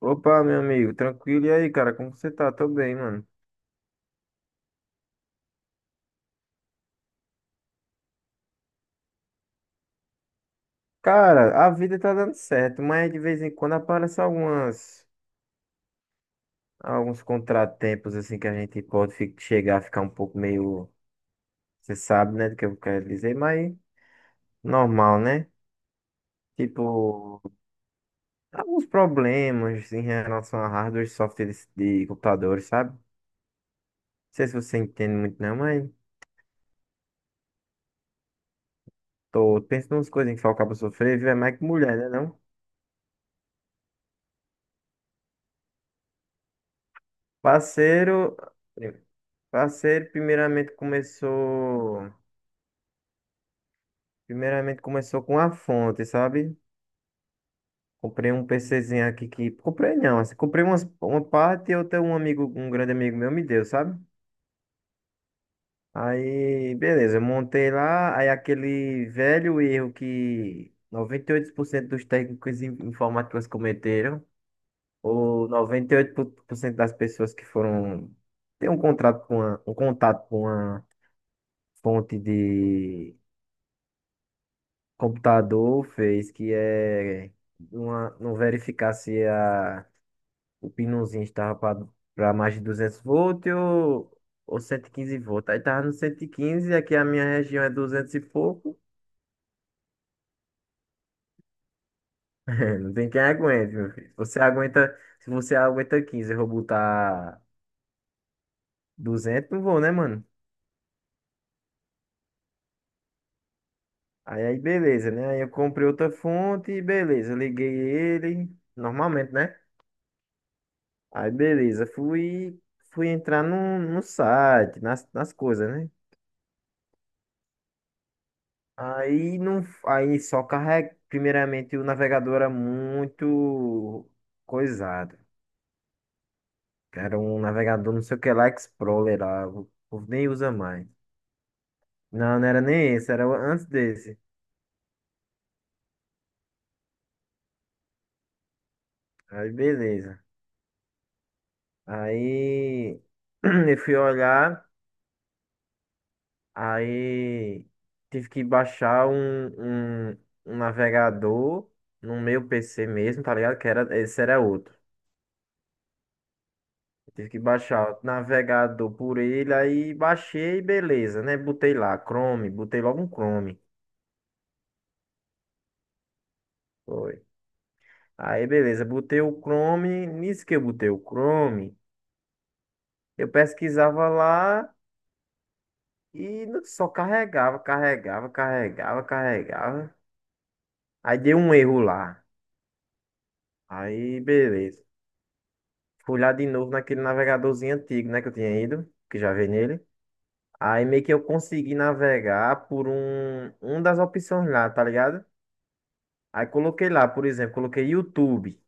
Opa, meu amigo, tranquilo? E aí, cara, como você tá? Tô bem, mano. Cara, a vida tá dando certo, mas de vez em quando aparecem algumas, alguns contratempos, assim, que a gente pode chegar a ficar um pouco meio, você sabe, né, do que eu quero dizer, mas normal, né? Tipo, alguns problemas em relação a hardware e software de computadores, sabe? Não sei se você entende muito, não, mas tô pensando umas coisas em que o cabo sofrer, viu? É mais que mulher, né, não? Parceiro. Parceiro, primeiramente começou com a fonte, sabe? Comprei um PCzinho aqui que, comprei não, assim, uma parte e outra um amigo, um grande amigo meu me deu, sabe? Aí, beleza, eu montei lá, aí aquele velho erro que 98% dos técnicos informáticos cometeram, ou 98% das pessoas que foram ter um contato com uma fonte de computador fez, que é não verificar se o pinozinho estava para mais de 200 volts ou 115 volts. Aí tava no 115, aqui a minha região é 200 e pouco. Não tem quem aguente, meu filho. Você aguenta, se você aguenta 15 eu vou botar 200, não vou, né, mano? Aí beleza, né? Aí eu comprei outra fonte, beleza, liguei ele, normalmente, né? Aí beleza, fui entrar no site, nas coisas, né? Aí não, aí só carrega, primeiramente o navegador era muito coisado. Era um navegador, não sei o que lá, Explorer lá, o povo nem usa mais. Não, não era nem esse, era antes desse. Aí beleza. Aí eu fui olhar. Aí tive que baixar um navegador no meu PC mesmo, tá ligado? Que era, esse era outro. Tive que baixar o navegador por ele, aí baixei, beleza, né? Botei lá, Chrome, botei logo um Chrome. Foi. Aí, beleza, botei o Chrome. Nisso que eu botei o Chrome, eu pesquisava lá e só carregava, carregava, carregava, carregava. Aí deu um erro lá. Aí, beleza. Fui lá de novo naquele navegadorzinho antigo, né, que eu tinha ido, que já veio nele. Aí meio que eu consegui navegar por um das opções lá, tá ligado? Aí coloquei lá, por exemplo, coloquei YouTube.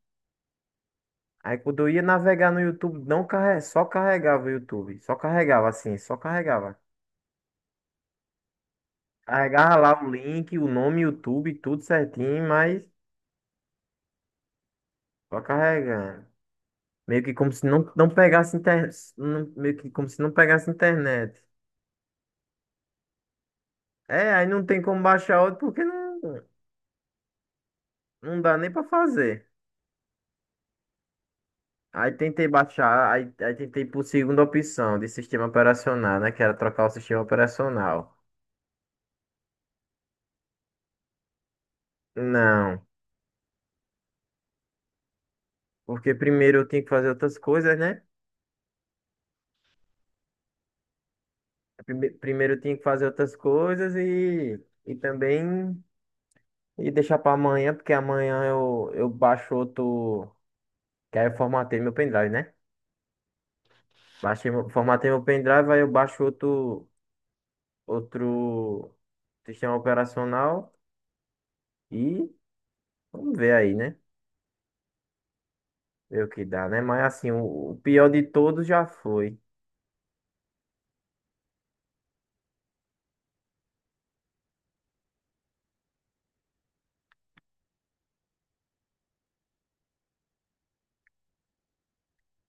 Aí quando eu ia navegar no YouTube, não só carregava o YouTube. Só carregava assim, só carregava. Carregava lá o link, o nome YouTube, tudo certinho, mas só carregando. Meio que como se não pegasse internet. Meio que como se não pegasse internet. É, aí não tem como baixar outro porque não. Não dá nem pra fazer. Aí tentei baixar, aí tentei por segunda opção de sistema operacional, né? Que era trocar o sistema operacional. Não, porque primeiro eu tinha que fazer outras coisas, né? Primeiro eu tinha que fazer outras coisas e também e deixar pra amanhã, porque amanhã eu baixo outro. Que aí eu formatei meu pendrive, né? Baixei, formatei meu pendrive, aí eu baixo outro, outro sistema operacional e vamos ver aí, né? Ver o que dá, né? Mas assim, o pior de todos já foi.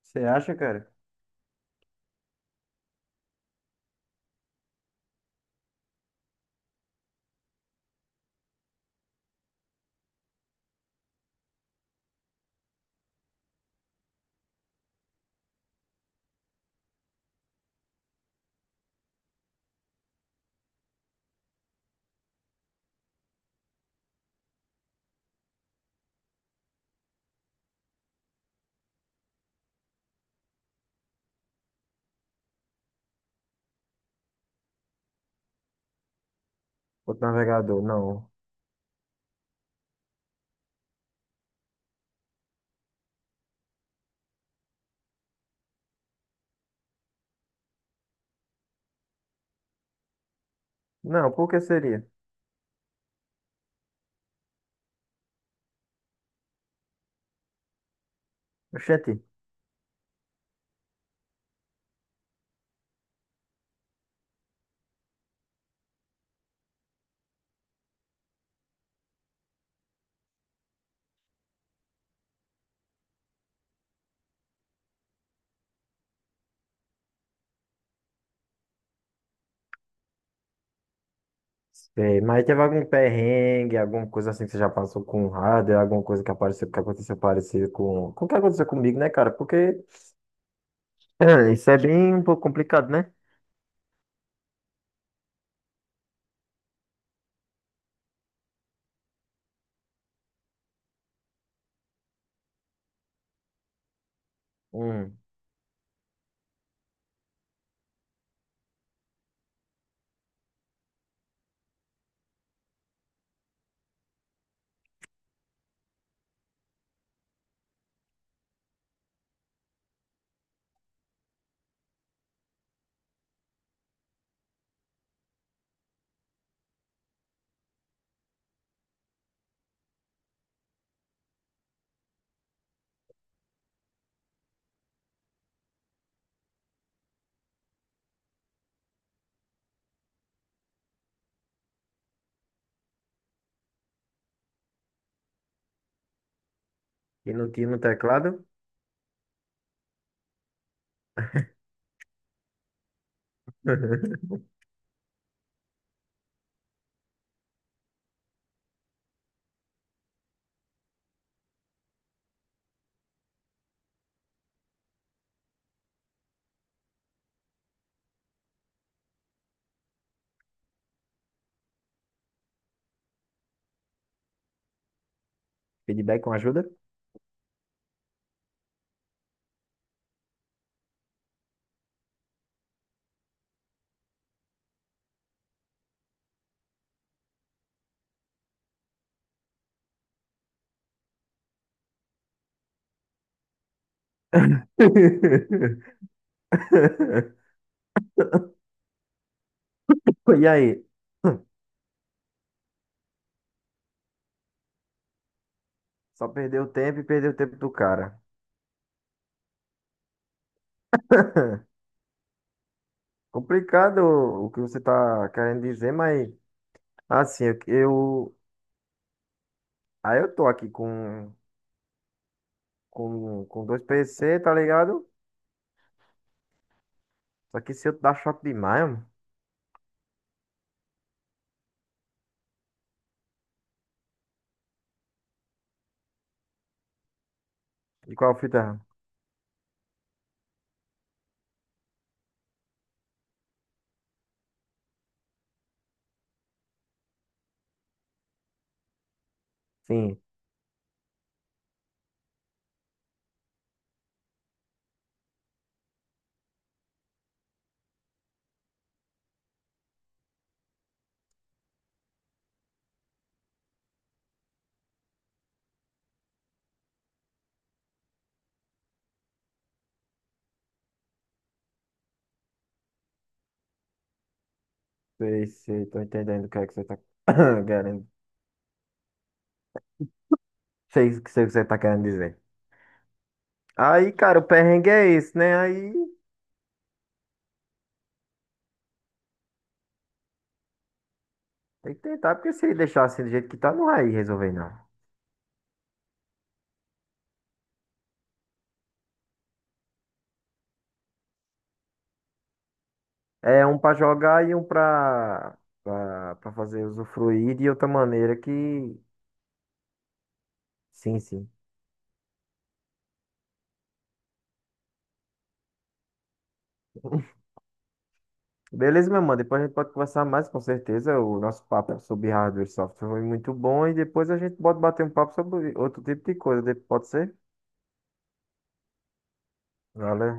Você acha, cara? Outro navegador, não. Não, por que seria? Oxente. Sei, mas teve algum perrengue, alguma coisa assim que você já passou com o hardware, alguma coisa que apareceu, que aconteceu parecido com o que aconteceu comigo, né, cara? Porque isso é bem um pouco complicado, né? Um, e não tinha no teclado. Feedback com ajuda. E aí? Só perdeu o tempo e perdeu o tempo do cara. Complicado o que você tá querendo dizer, mas assim, aí eu tô aqui com dois PC, tá ligado? Só que se eu dar choque demais, mano. E qual fita? Sim, sei, sei, tô entendendo o que é que você tá querendo. Sei o que você tá querendo dizer. Aí, cara, o perrengue é esse, né? Aí tem que tentar, porque se ele deixar assim do jeito que tá, não vai resolver, não. É um pra jogar e um pra, fazer usufruir de outra maneira que. Sim, sim. Beleza, meu mano. Depois a gente pode conversar mais, com certeza. O nosso papo sobre hardware e software foi muito bom. E depois a gente pode bater um papo sobre outro tipo de coisa. Pode ser? Valeu.